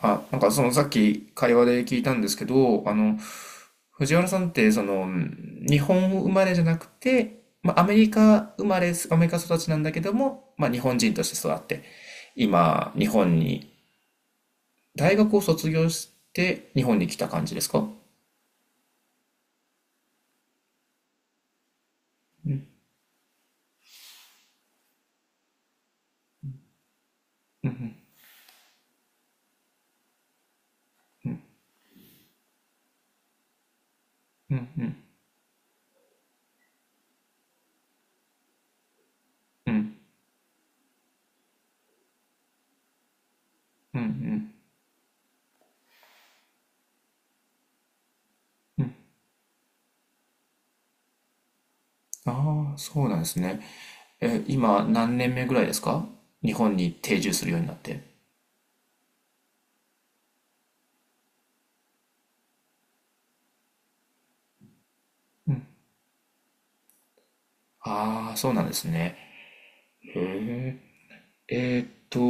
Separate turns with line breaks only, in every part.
あ、なんかそのさっき会話で聞いたんですけど、あの、藤原さんってその、うん日本生まれじゃなくて、まあ、アメリカ生まれ、アメリカ育ちなんだけども、まあ、日本人として育って、今、日本に、大学を卒業して日本に来た感じですか？うん。ああ、そうなんですね。え、今何年目ぐらいですか？日本に定住するようになって。うん。ああ、そうなんですね。へえ。えーっと、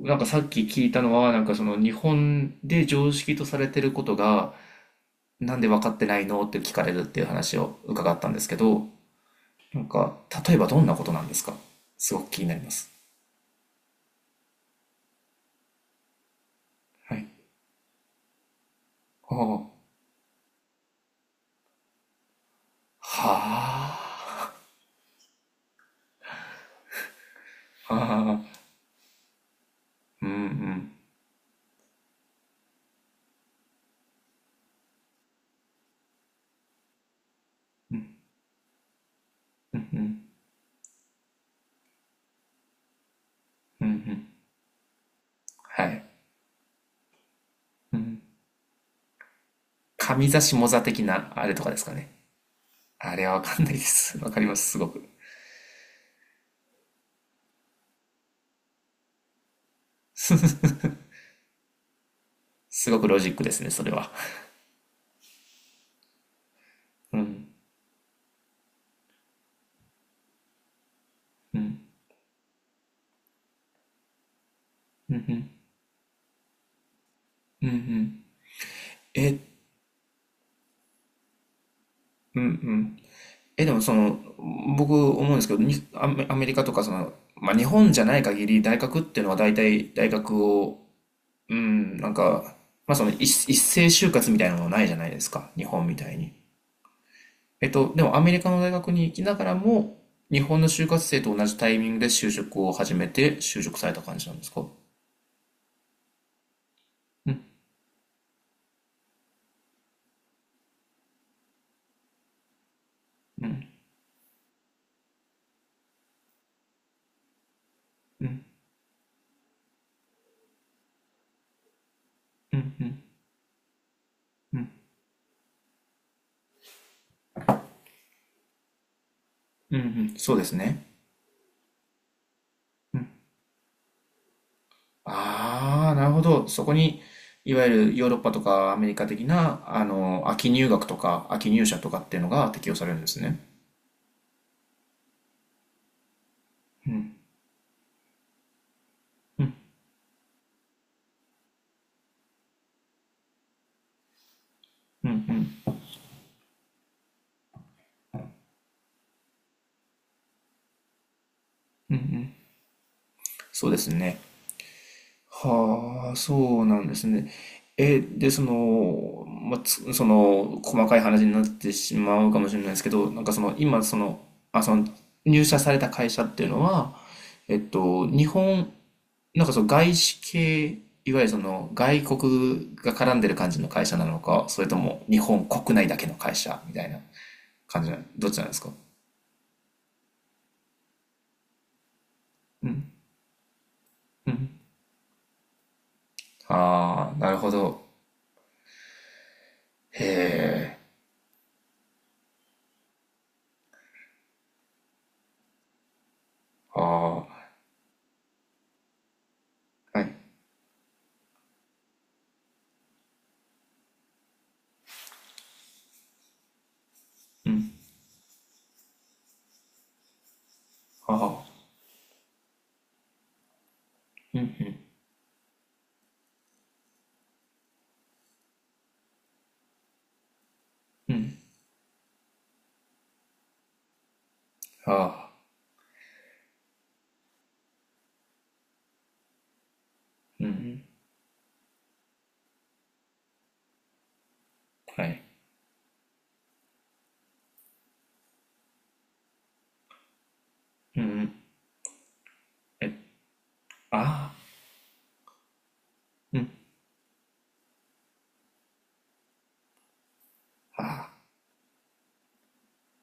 なんかさっき聞いたのは、なんかその日本で常識とされてることが、なんで分かってないのって聞かれるっていう話を伺ったんですけど、なんか、例えばどんなことなんですか？すごく気になります。はい。ああ、はあ、はあ、うんうん、うん、うん、うん、はい。うん。上座下座的なあれとかですかね。あれはわかんないです。わかります、すごく。すごくロジックですね、それは。うん。うんうんうんうん。えうんうん。え、でもその、僕思うんですけど、にアメ、アメリカとかその、まあ日本じゃない限り大学っていうのは大体大学を、うん、なんか、まあその一斉就活みたいなのがないじゃないですか。日本みたいに。えっと、でもアメリカの大学に行きながらも、日本の就活生と同じタイミングで就職を始めて就職された感じなんですか？うんうん、そうですね。ああ、なるほど。そこに、いわゆるヨーロッパとかアメリカ的な、あの、秋入学とか秋入社とかっていうのが適用されるんですね。そうですね。はあ、そうなんですね。え、で、その、まあ、つその、細かい話になってしまうかもしれないですけど、なんかその、今、その、あ、その、入社された会社っていうのは、えっと、日本なんかその外資系、いわゆるその外国が絡んでる感じの会社なのか、それとも日本国内だけの会社みたいな感じなの、どっちなんですか？ああー、なるほど。ああ、はい。ああ、ああ、はい。あ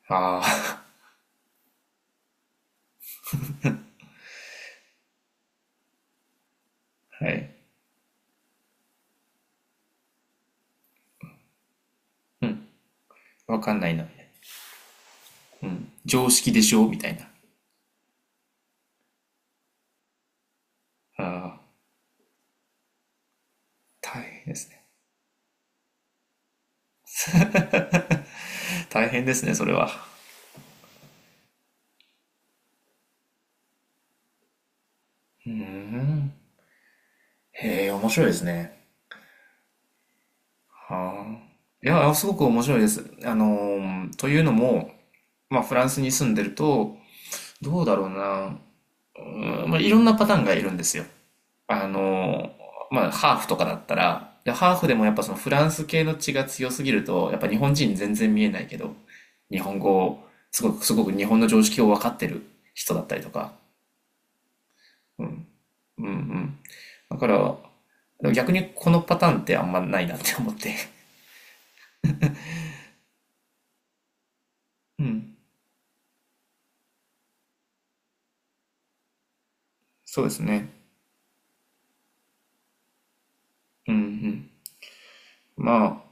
あ、ああ、はい。わかんないな。常識でしょみたいな。ああ、大変ですね。大変ですね、それは。うーん。へえ、面白いですね。はあ。いや、すごく面白いです。というのも、まあ、フランスに住んでると、どうだろうな。うん、まあ、いろんなパターンがいるんですよ。あの、まあ、ハーフとかだったら、でハーフでもやっぱそのフランス系の血が強すぎると、やっぱ日本人全然見えないけど、日本語を、すごく、すごく日本の常識を分かってる人だったりとか。うんうん。だから、逆にこのパターンってあんまないなって思って。うん。そうですね。うんうん。まあ、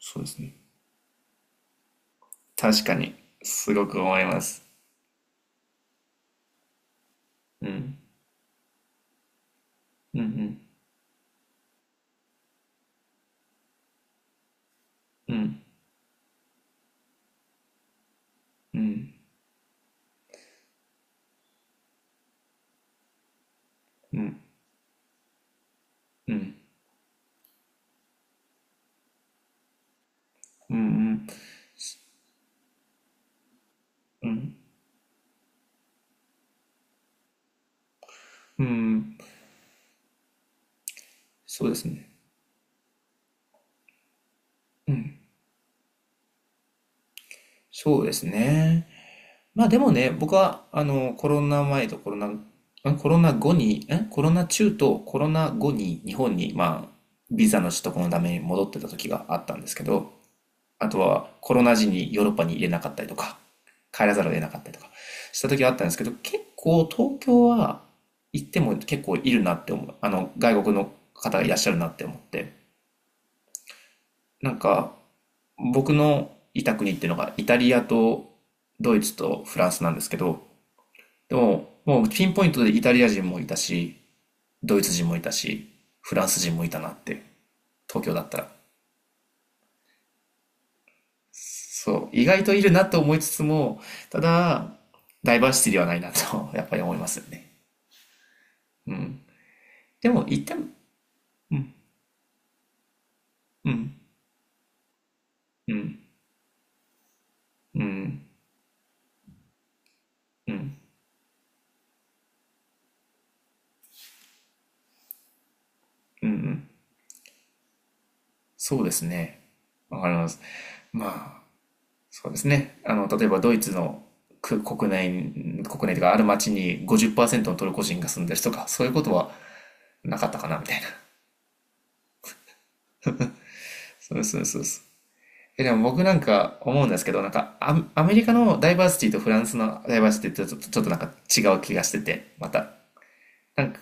そうですね。確かに、すごく思います。うん。うんうん。うん。うん、うん、うん、うん、うん、そうですね。そうですね。まあでもね、僕は、あの、コロナ前とコロナ、んコロナ後に、んコロナ中とコロナ後に日本に、まあ、ビザの取得のために戻ってた時があったんですけど、あとはコロナ時にヨーロッパに入れなかったりとか、帰らざるを得なかったりとかした時があったんですけど、結構東京は行っても結構いるなって思う。あの、外国の方がいらっしゃるなって思って。なんか、僕のいた国っていうのがイタリアとドイツとフランスなんですけど、でも、もうピンポイントでイタリア人もいたし、ドイツ人もいたし、フランス人もいたなって、東京だったら。そう、意外といるなと思いつつも、ただ、ダイバーシティではないなと やっぱり思いますよね。うん。でも、言っても、うん、うん、うん、うん、うん、うん、うん。そうですね。わかります。まあそうですね。あの、例えばドイツのく国内、国内というかある町に50%のトルコ人が住んでるとか、そういうことはなかったかな、みたいな。そうそうそうそう。え、でも僕なんか思うんですけど、なんかアメリカのダイバーシティとフランスのダイバーシティってちょっと、ちょっとなんか違う気がしてて、また。なんか、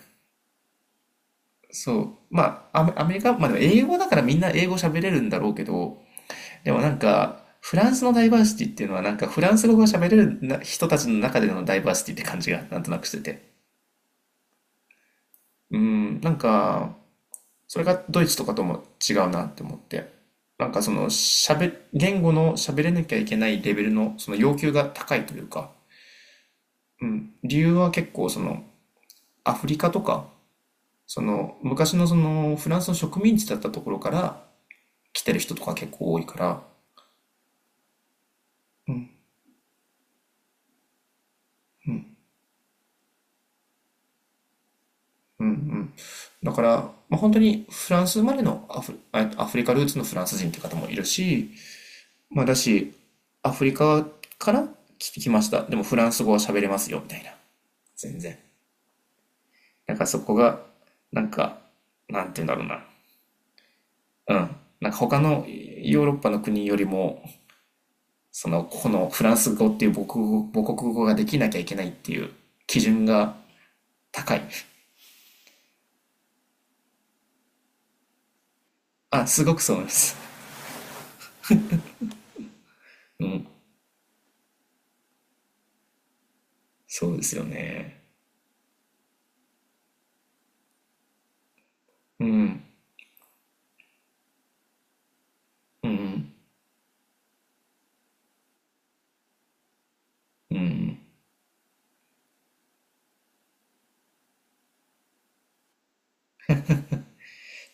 そう。まあ、アメリカ、まあでも英語だからみんな英語喋れるんだろうけど、でもなんか、フランスのダイバーシティっていうのはなんかフランス語が喋れるな人たちの中でのダイバーシティって感じがなんとなくしてて。うん、なんか、それがドイツとかとも違うなって思って。なんかその、言語の喋れなきゃいけないレベルのその要求が高いというか、うん、理由は結構その、アフリカとか、その、昔のその、フランスの植民地だったところから来てる人とか結構多いから、うんうん。だから、まあ、本当にフランス生まれのアフリカルーツのフランス人って方もいるし、まあだし、アフリカから来てきました。でもフランス語は喋れますよ、みたいな。全然。なんからそこが、なんか、なんて言うんだろうな。うん。なんか他のヨーロッパの国よりも、その、このフランス語っていう母国語ができなきゃいけないっていう基準が高い。あ、すごくそうなんです。うん。そうですよね。うん。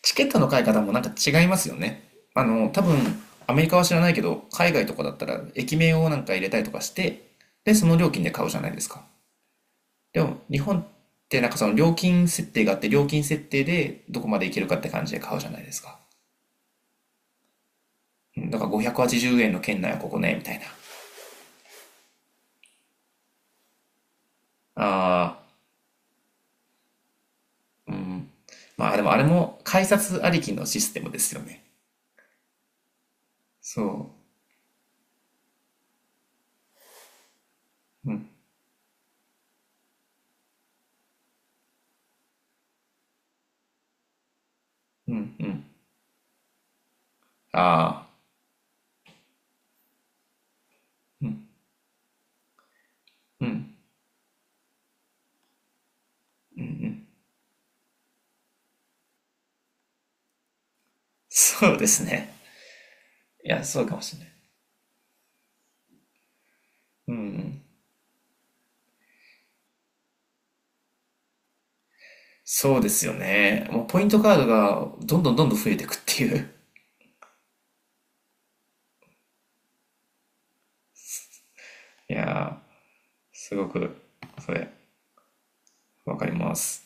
チケットの買い方もなんか違いますよね。あの、多分、アメリカは知らないけど、海外とかだったら、駅名をなんか入れたりとかして、で、その料金で買うじゃないですか。でも、日本ってなんかその料金設定があって、料金設定でどこまでいけるかって感じで買うじゃないですか。うん。だから580円の圏内はここね、みたいな。ああ、まあでもあれも改札ありきのシステムですよね。そう。うん。ああ、うん。そうですね。いや、そうかもしれない。うん。そうですよね。もうポイントカードがどんどんどんどん増えていくっていう。いやー、すごく、それ、わかります。